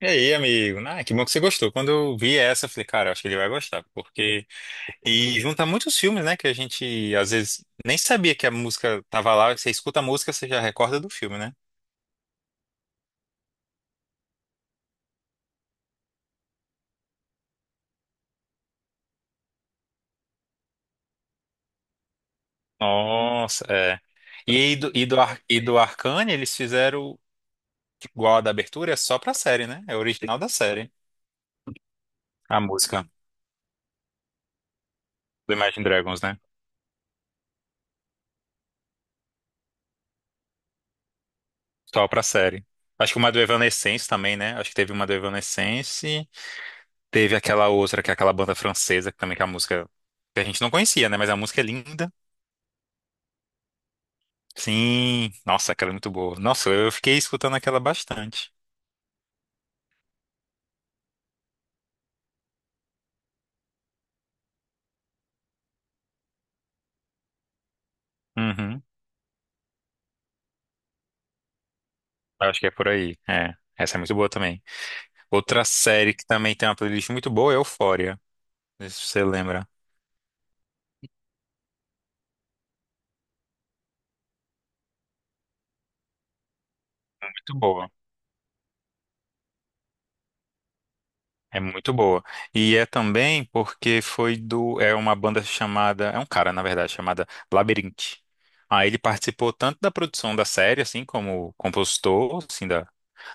E aí, amigo? Ah, que bom que você gostou. Quando eu vi essa, eu falei, cara, eu acho que ele vai gostar, porque... E junta muitos filmes, né, que a gente, às vezes, nem sabia que a música tava lá. Você escuta a música, você já recorda do filme, né? Nossa, é. E, aí do, e, do, Ar- e do Arcane, eles fizeram igual a da abertura, é só pra série, né? É original da série, a música do Imagine Dragons, né? Só pra série. Acho que uma do Evanescence também, né? Acho que teve uma do Evanescence. Teve aquela outra, que é aquela banda francesa, que é a música que a gente não conhecia, né? Mas a música é linda. Sim, nossa, aquela é muito boa. Nossa, eu fiquei escutando aquela bastante. Uhum. Eu acho que é por aí. É, essa é muito boa também. Outra série que também tem uma playlist muito boa é Euphoria. Não sei se você lembra. Muito boa. É muito boa. E é também porque foi do. É uma banda chamada. É um cara, na verdade, chamada Labyrinth. Aí ele participou tanto da produção da série, assim, como compositor, assim, da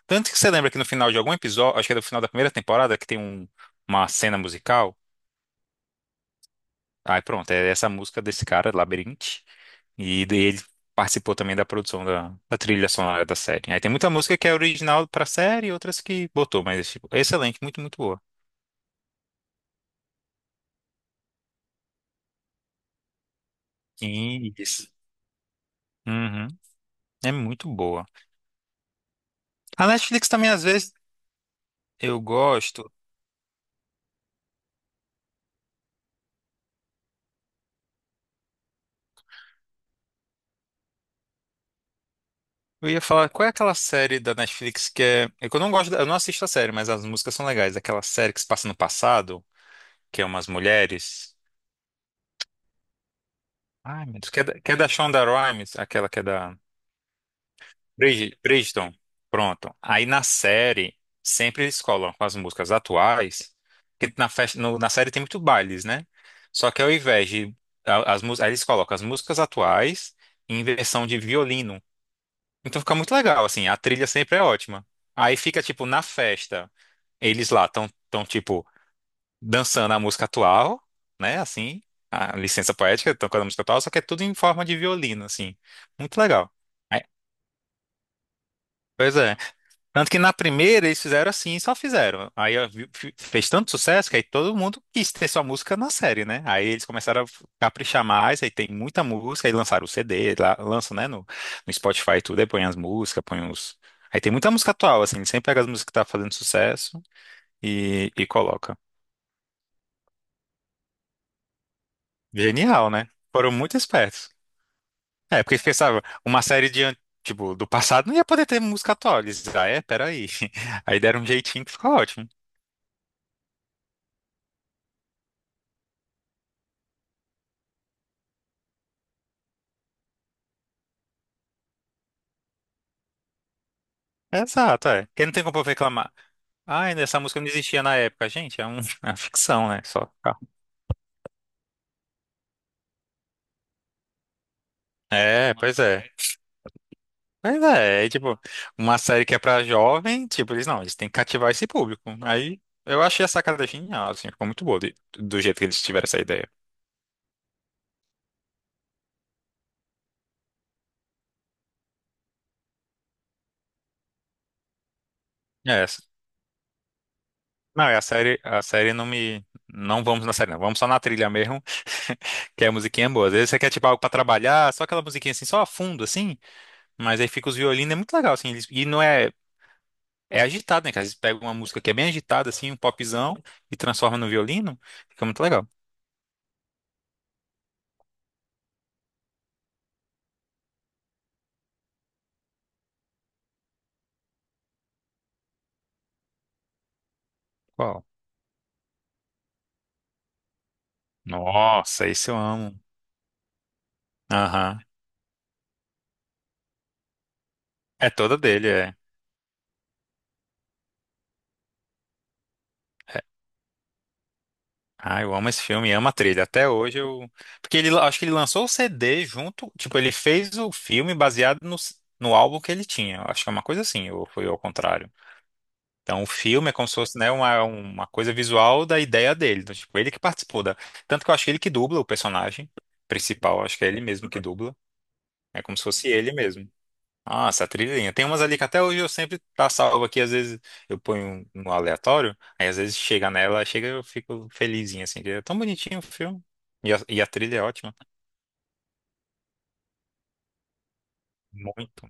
tanto que você lembra que no final de algum episódio, acho que é no final da primeira temporada, que tem uma cena musical. Aí pronto, é essa música desse cara, Labirinte. E daí ele participou também da produção da trilha sonora da série. Aí tem muita música que é original pra série e outras que botou, mas tipo, é excelente, muito boa. Isso. Uhum. É muito boa. A Netflix também, às vezes, eu gosto. Eu ia falar, qual é aquela série da Netflix que é. É que eu não gosto, eu não assisto a série, mas as músicas são legais. Aquela série que se passa no passado, que é umas mulheres. Ai, meu Deus, que é da Shonda Rhimes, aquela que é da Bridgerton. Pronto. Aí na série, sempre eles colocam as músicas atuais, que na, festa, no- na série tem muito bailes, né? Só que ao invés de. A- As, mús- aí eles colocam as músicas atuais em versão de violino. Então fica muito legal, assim, a trilha sempre é ótima. Aí fica, tipo, na festa, eles lá estão, tão, tão, tipo. Dançando a música atual, né? Assim, a licença poética, tocando a música atual, só que é tudo em forma de violino, assim. Muito legal. Aí- Pois é. Tanto que na primeira eles fizeram assim, e só fizeram. Aí ó, vi- fi- Fez tanto sucesso que aí todo mundo quis ter sua música na série, né? Aí eles começaram a caprichar mais, aí tem muita música, aí lançaram o CD, lá, lançam, né, no, no Spotify e tudo, aí põe as músicas, põe os. Aí tem muita música atual, assim, sempre pega as músicas que tá fazendo sucesso e coloca. Genial, né? Foram muito espertos. É, porque pensava, uma série do passado não ia poder ter música atual. Eles, ah, é, peraí. Aí deram um jeitinho que ficou ótimo. Exato, é. Porque não tem como eu reclamar. Ah, essa música não existia na época. Gente, é uma ficção, né? Só. É, pois é. Pois é, é tipo, uma série que é pra jovem, tipo, eles não, eles têm que cativar esse público. Aí eu achei a sacada genial, assim, ficou muito boa do jeito que eles tiveram essa ideia. É essa. Não, e a série não me. Não vamos na série, não. Vamos só na trilha mesmo. Que a musiquinha é boa. Às vezes você quer, tipo, algo pra trabalhar, só aquela musiquinha assim, só a fundo, assim. Mas aí fica os violinos, é muito legal, assim. Eles- e não é. É agitado, né? Que às vezes pega uma música que é bem agitada, assim, um popzão, e transforma no violino. Fica muito legal. Qual? Nossa, esse eu amo. Aham. É toda dele, é. Ah, eu amo esse filme, amo a trilha. Até hoje eu. Porque ele, acho que ele lançou o CD junto. Tipo, ele fez o filme baseado no álbum que ele tinha. Eu acho que é uma coisa assim, ou foi ao contrário. Então, o filme é como se fosse, né, uma coisa visual da ideia dele. Então, tipo, ele que participou da... Tanto que eu acho que ele que dubla o personagem principal. Acho que é ele mesmo que dubla. É como se fosse ele mesmo. Ah, essa trilhinha. Tem umas ali que até hoje eu sempre tá salvo aqui. Às vezes eu ponho no aleatório. Aí, às vezes, chega nela, chega eu fico felizinho, assim. Que é tão bonitinho o filme. E a trilha é ótima. Muito.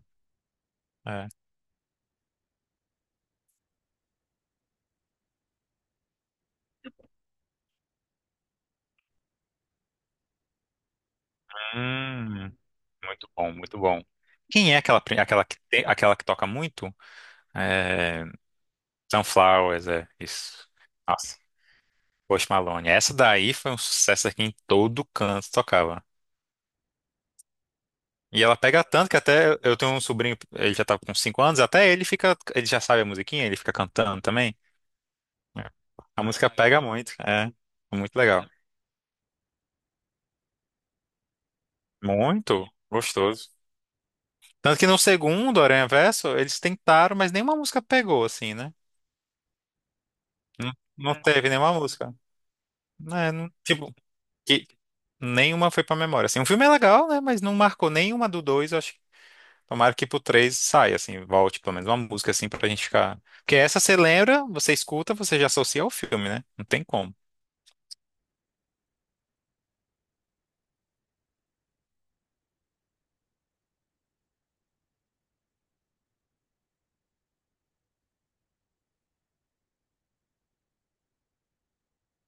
É. Hum, muito bom, muito bom. Quem é aquela, pri- aquela, que, tem- aquela que toca muito? É, Sunflowers, é, isso. Nossa, Post Malone. Essa daí foi um sucesso aqui em todo canto, tocava. E ela pega tanto que até eu tenho um sobrinho, ele já tá com 5 anos, até ele fica, ele já sabe a musiquinha, ele fica cantando também. É. A música pega muito, é, é muito legal. Muito gostoso. Tanto que no segundo Aranha Verso, eles tentaram, mas nenhuma música pegou, assim, né? Não, não teve nenhuma música. Né? Tipo, que nenhuma foi pra memória. Assim, o filme é legal, né? Mas não marcou nenhuma do dois, acho tomara que pro 3 saia, assim, volte pelo menos uma música assim pra gente ficar. Porque essa você lembra, você escuta, você já associa ao filme, né? Não tem como.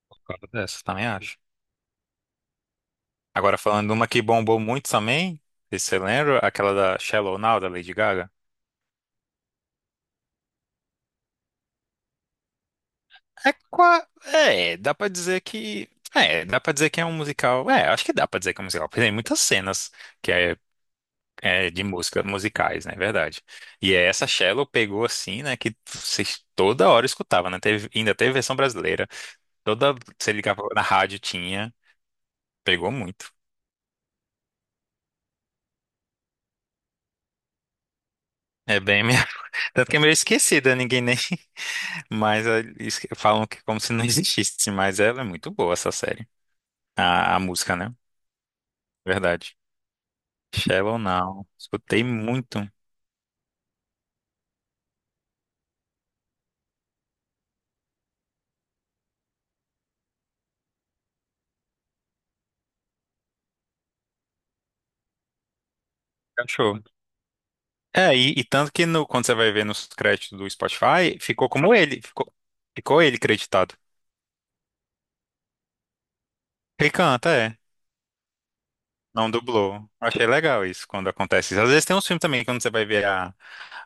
Concordo dessa, também acho. Agora falando de uma que bombou muito também, não sei se você lembra, aquela da Shallow Now, da Lady Gaga? É, qua- é, dá pra dizer que. É, dá pra dizer que é um musical. É, acho que dá pra dizer que é um musical. Porque tem muitas cenas que é de música, musicais, né? É verdade. E é essa Shallow pegou assim, né? Que vocês toda hora escutava, né? Teve, ainda teve versão brasileira. Toda, você ligava na rádio, tinha. Pegou muito. É bem minha... Tanto que é meio esquecida, ninguém nem... Mas falam que como se não existisse, mas ela é muito boa, essa série. A música, né? Verdade. Shallow Now. Escutei muito. Cachorro. E tanto que no, quando você vai ver nos créditos do Spotify, ficou como ele. Ficou ele creditado. Ele canta, é. Não dublou. Achei legal isso, quando acontece isso. Às vezes tem uns filmes também, quando você vai ver a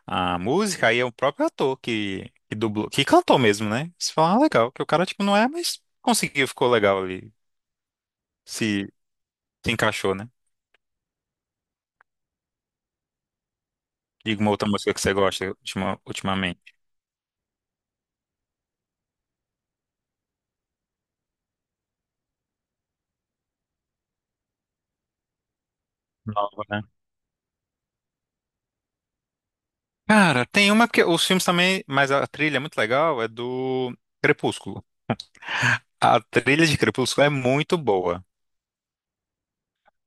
a música, aí é o próprio ator que dublou, que cantou mesmo, né? Você fala, ah, legal, que o cara, tipo, não é, mas conseguiu, ficou legal ali, se, se encaixou, né? Diga uma outra música que você gosta ultimamente. Nova, né? Cara, tem uma porque os filmes também, mas a trilha é muito legal, é do Crepúsculo. A trilha de Crepúsculo é muito boa.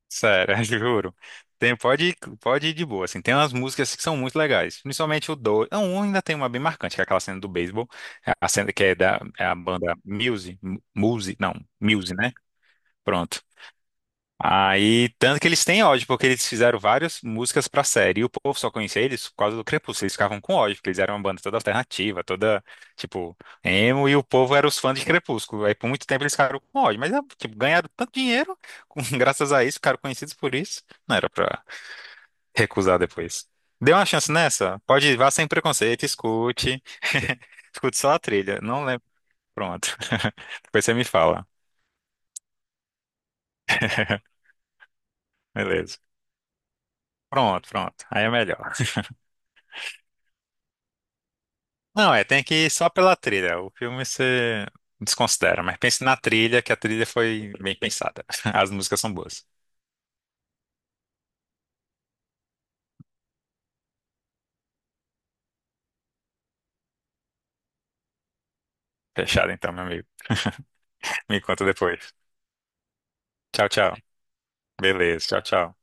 Sério, juro. Tem, pode, Pode ir de boa, assim. Tem umas músicas que são muito legais. Principalmente o dois. Não, um ainda tem uma bem marcante, que é aquela cena do beisebol. A cena que é da é a banda Muse. Muse, não, Muse, né? Pronto. Aí, tanto que eles têm ódio, porque eles fizeram várias músicas pra série, e o povo só conhecia eles por causa do Crepúsculo, eles ficavam com ódio, porque eles eram uma banda toda alternativa, toda, tipo emo, e o povo era os fãs de Crepúsculo, aí por muito tempo eles ficaram com ódio, mas, ah, tipo, ganharam tanto dinheiro, graças a isso, ficaram conhecidos por isso, não era pra recusar depois. Dê uma chance nessa, pode ir, vá sem preconceito, escute, escute só a trilha, não lembro, pronto, depois você me fala, beleza. Pronto, aí é melhor. Não, é, tem que ir só pela trilha. O filme você desconsidera, mas pense na trilha, que a trilha foi bem pensada. As músicas são boas. Fechado então, meu amigo. Me conta depois. Tchau. Beleza, tchau.